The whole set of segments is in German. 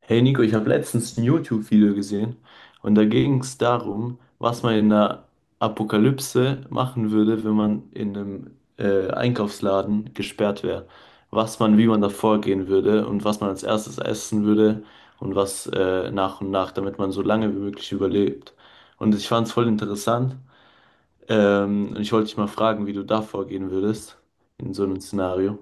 Hey Nico, ich habe letztens ein YouTube-Video gesehen und da ging es darum, was man in der Apokalypse machen würde, wenn man in einem Einkaufsladen gesperrt wäre. Wie man da vorgehen würde und was man als erstes essen würde und was nach und nach, damit man so lange wie möglich überlebt. Und ich fand es voll interessant, und ich wollte dich mal fragen, wie du da vorgehen würdest in so einem Szenario.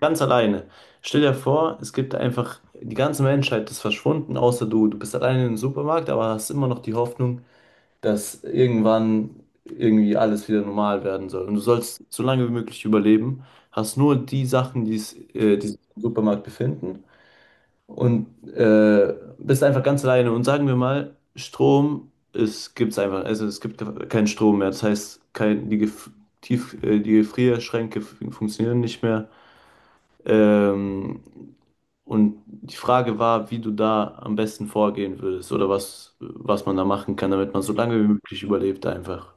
Ganz alleine. Stell dir vor, es gibt einfach, die ganze Menschheit ist verschwunden, außer du. Du bist alleine im Supermarkt, aber hast immer noch die Hoffnung, dass irgendwann irgendwie alles wieder normal werden soll. Und du sollst so lange wie möglich überleben, hast nur die Sachen, die sich im Supermarkt befinden und bist einfach ganz alleine. Und sagen wir mal, Strom, es gibt's einfach, also es gibt keinen Strom mehr. Das heißt, kein, die, Gef- Tief, die Gefrierschränke funktionieren nicht mehr. Ähm, und die Frage war, wie du da am besten vorgehen würdest oder was man da machen kann, damit man so lange wie möglich überlebt einfach.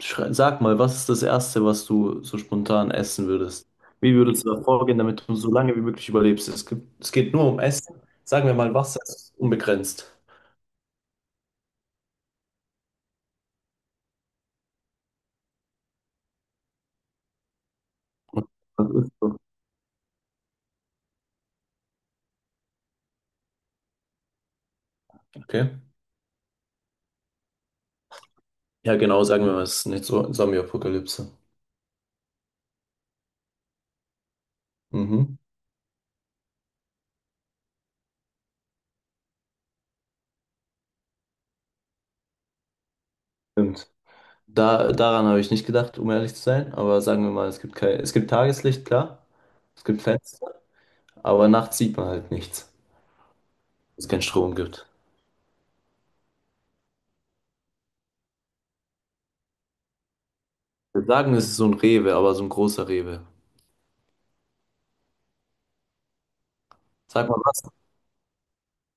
Sag mal, was ist das Erste, was du so spontan essen würdest? Wie würdest du da vorgehen, damit du so lange wie möglich überlebst? Es geht nur um Essen. Sagen wir mal, Wasser ist unbegrenzt. Und das ist so. Okay. Ja, genau, sagen wir mal, es ist nicht so Zombie-Apokalypse. Mhm. Stimmt. Daran habe ich nicht gedacht, um ehrlich zu sein. Aber sagen wir mal, es gibt kein, es gibt Tageslicht, klar. Es gibt Fenster, aber nachts sieht man halt nichts, weil es keinen Strom gibt. Wir sagen, es ist so ein Rewe, aber so ein großer Rewe. Sag mal was.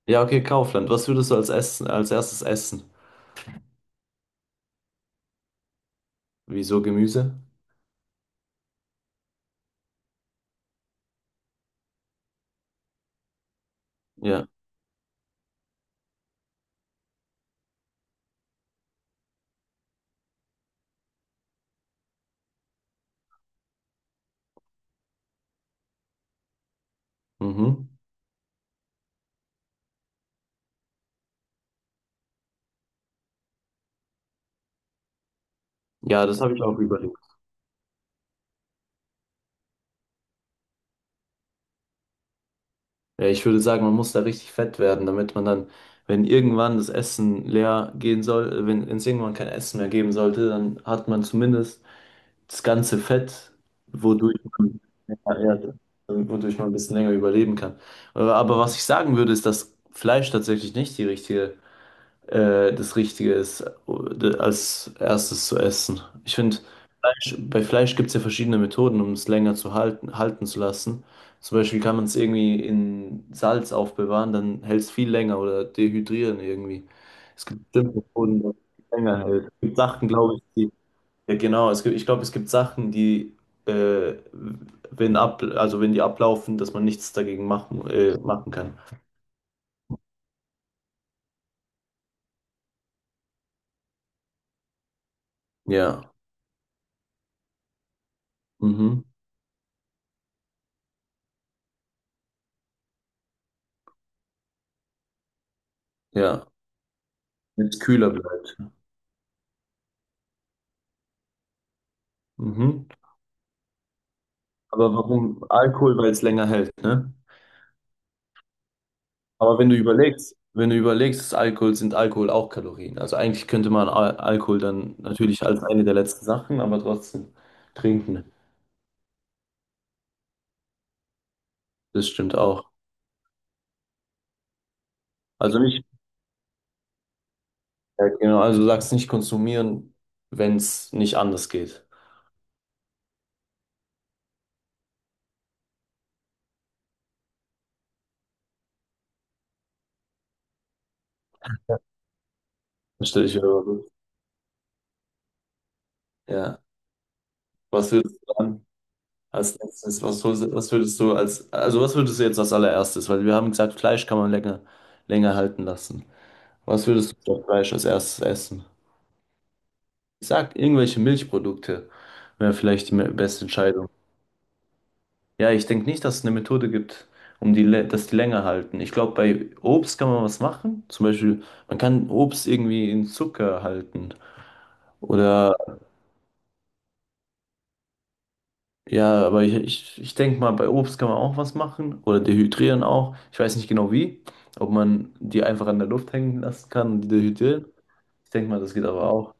Ja, okay, Kaufland. Was würdest du als Essen, als erstes essen? Wieso Gemüse? Ja. Mhm. Ja, das habe ich auch überlegt. Ja, ich würde sagen, man muss da richtig fett werden, damit man dann, wenn irgendwann das Essen leer gehen soll, wenn es irgendwann kein Essen mehr geben sollte, dann hat man zumindest das ganze Fett, wodurch man, ja, ja, wodurch man ein bisschen länger überleben kann. Aber was ich sagen würde, ist, dass Fleisch tatsächlich nicht das Richtige ist, als erstes zu essen. Ich finde, bei Fleisch gibt es ja verschiedene Methoden, um es länger halten zu lassen. Zum Beispiel kann man es irgendwie in Salz aufbewahren, dann hält es viel länger oder dehydrieren irgendwie. Es gibt bestimmte Methoden, die es länger hält. Es gibt Sachen, glaube ich, die ja, genau. Ich glaube, es gibt Sachen, die, äh, wenn ab, also wenn die ablaufen, dass man nichts dagegen machen kann. Ja. Mhm. Ja. Wenn es kühler bleibt. Mhm. Aber warum Alkohol, weil es länger hält, ne? Aber wenn du überlegst, ist Alkohol sind Alkohol auch Kalorien. Also eigentlich könnte man Al Alkohol dann natürlich als eine der letzten Sachen, aber trotzdem trinken. Das stimmt auch. Also nicht, ja, genau, also du sagst nicht konsumieren, wenn es nicht anders geht. Stell dich wieder mal. Ja. Was würdest du an als letztes, was würdest du als, also was würdest du jetzt als allererstes? Weil wir haben gesagt, Fleisch kann man länger halten lassen. Was würdest du statt Fleisch als erstes essen? Ich sag, irgendwelche Milchprodukte wäre vielleicht die beste Entscheidung. Ja, ich denke nicht, dass es eine Methode gibt, um dass die länger halten. Ich glaube, bei Obst kann man was machen. Zum Beispiel, man kann Obst irgendwie in Zucker halten. Oder ja, aber ich denke mal, bei Obst kann man auch was machen oder dehydrieren auch. Ich weiß nicht genau wie, ob man die einfach an der Luft hängen lassen kann und die dehydrieren. Ich denke mal, das geht aber auch.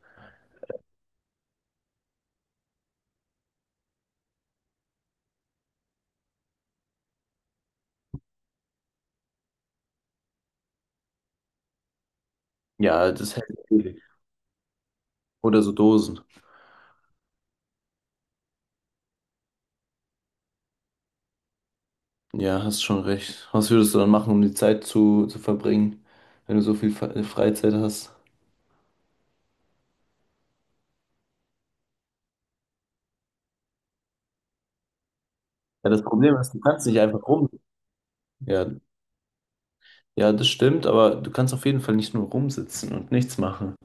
Ja, das hält ewig. Oder so Dosen. Ja, hast schon recht. Was würdest du dann machen, um die Zeit zu verbringen, wenn du so viel Freizeit hast? Ja, das Problem ist, du kannst nicht einfach rum. Ja, ja, das stimmt, aber du kannst auf jeden Fall nicht nur rumsitzen und nichts machen.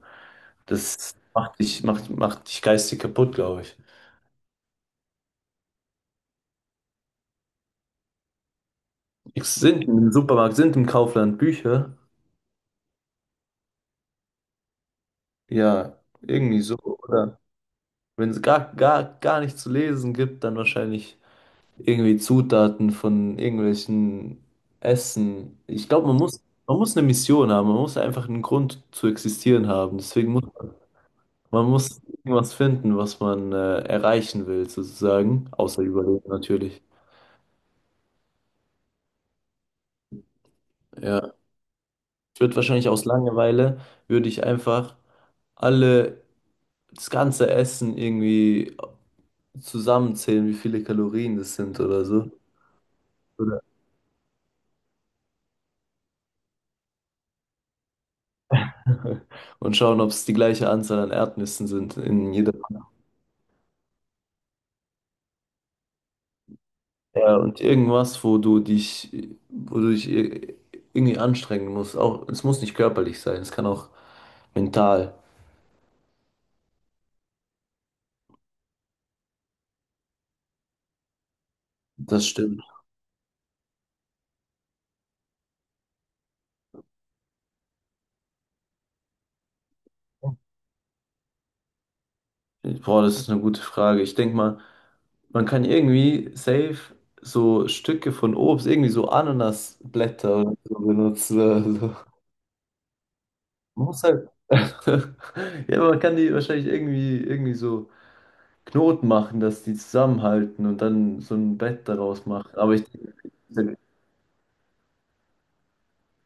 Das macht dich, macht, macht dich geistig kaputt, glaube ich. Es sind im Supermarkt, sind im Kaufland Bücher? Ja, irgendwie so, oder? Wenn es gar nichts zu lesen gibt, dann wahrscheinlich irgendwie Zutaten von irgendwelchen Essen. Ich glaube, man muss eine Mission haben, man muss einfach einen Grund zu existieren haben. Deswegen muss man muss irgendwas finden, was man erreichen will, sozusagen. Außer Überleben natürlich. Ja. Ich würde wahrscheinlich aus Langeweile, würde ich einfach alle, das ganze Essen irgendwie zusammenzählen, wie viele Kalorien das sind oder so. Oder? Und schauen, ob es die gleiche Anzahl an Erdnüssen sind in jeder. Ja, und irgendwas, wo du dich irgendwie anstrengen musst. Auch, es muss nicht körperlich sein, es kann auch mental. Das stimmt. Boah, das ist eine gute Frage. Ich denke mal, man kann irgendwie safe so Stücke von Obst, irgendwie so Ananasblätter oder so benutzen. Oder so. Man muss halt. Ja, man kann die wahrscheinlich irgendwie so Knoten machen, dass die zusammenhalten und dann so ein Bett daraus machen. Aber ich,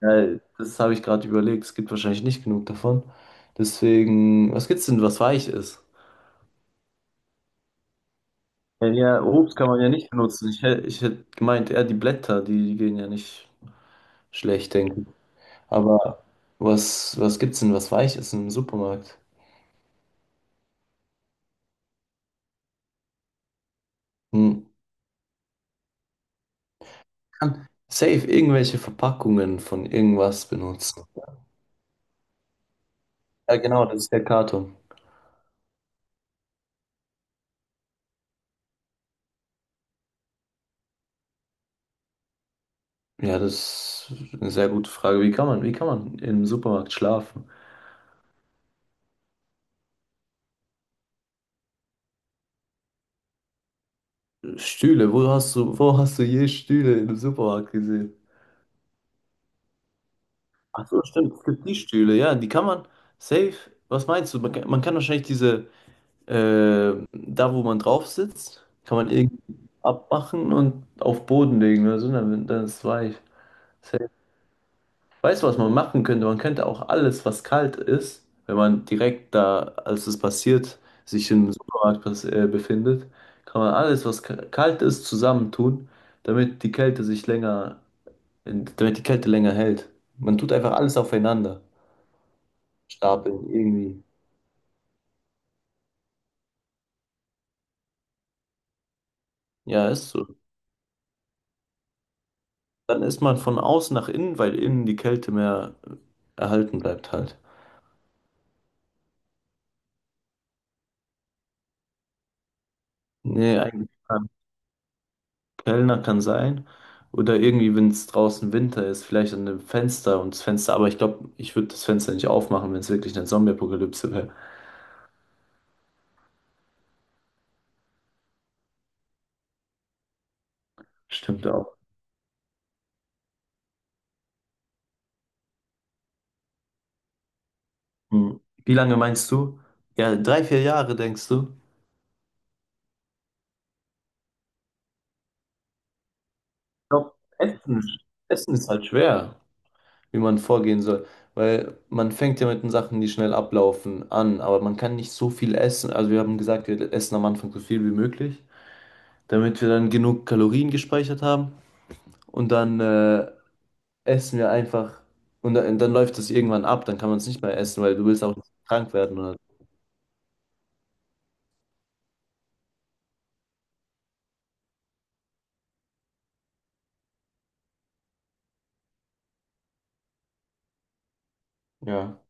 ja, das habe ich gerade überlegt. Es gibt wahrscheinlich nicht genug davon. Deswegen, was gibt's denn, was weich ist? Ja, ja, Obst kann man ja nicht benutzen. Ich hätte gemeint, eher die Blätter, die gehen ja nicht schlecht, denke ich. Aber was gibt's denn, was weich ist im Supermarkt? Hm. Kann safe irgendwelche Verpackungen von irgendwas benutzen. Ja, genau, das ist der Karton. Ja, das ist eine sehr gute Frage. Wie kann man im Supermarkt schlafen? Stühle, wo hast du je Stühle im Supermarkt gesehen? Ach so, stimmt, es gibt die Stühle, ja, die kann man safe. Was meinst du? Man kann wahrscheinlich da wo man drauf sitzt, kann man irgendwie abmachen und auf Boden legen oder so, dann ist es weich. Weißt du, was man machen könnte? Man könnte auch alles, was kalt ist, wenn man direkt da, als es passiert, sich im Supermarkt befindet, kann man alles, was kalt ist, zusammentun, damit die Kälte sich länger, damit die Kälte länger hält. Man tut einfach alles aufeinander, stapeln irgendwie. Ja, ist so. Dann ist man von außen nach innen, weil innen die Kälte mehr erhalten bleibt halt. Nee, eigentlich. Kellner kann sein. Oder irgendwie, wenn es draußen Winter ist, vielleicht an dem Fenster und das Fenster. Aber ich glaube, ich würde das Fenster nicht aufmachen, wenn es wirklich eine Zombie-Apokalypse wäre. Stimmt auch. Hm. Wie lange meinst du? Ja, 3, 4 Jahre, denkst du? Ich glaub, Essen ist halt schwer, wie man vorgehen soll. Weil man fängt ja mit den Sachen, die schnell ablaufen, an. Aber man kann nicht so viel essen. Also wir haben gesagt, wir essen am Anfang so viel wie möglich, damit wir dann genug Kalorien gespeichert haben. Und dann essen wir einfach und dann läuft das irgendwann ab, dann kann man es nicht mehr essen, weil du willst auch nicht krank werden oder. Ja.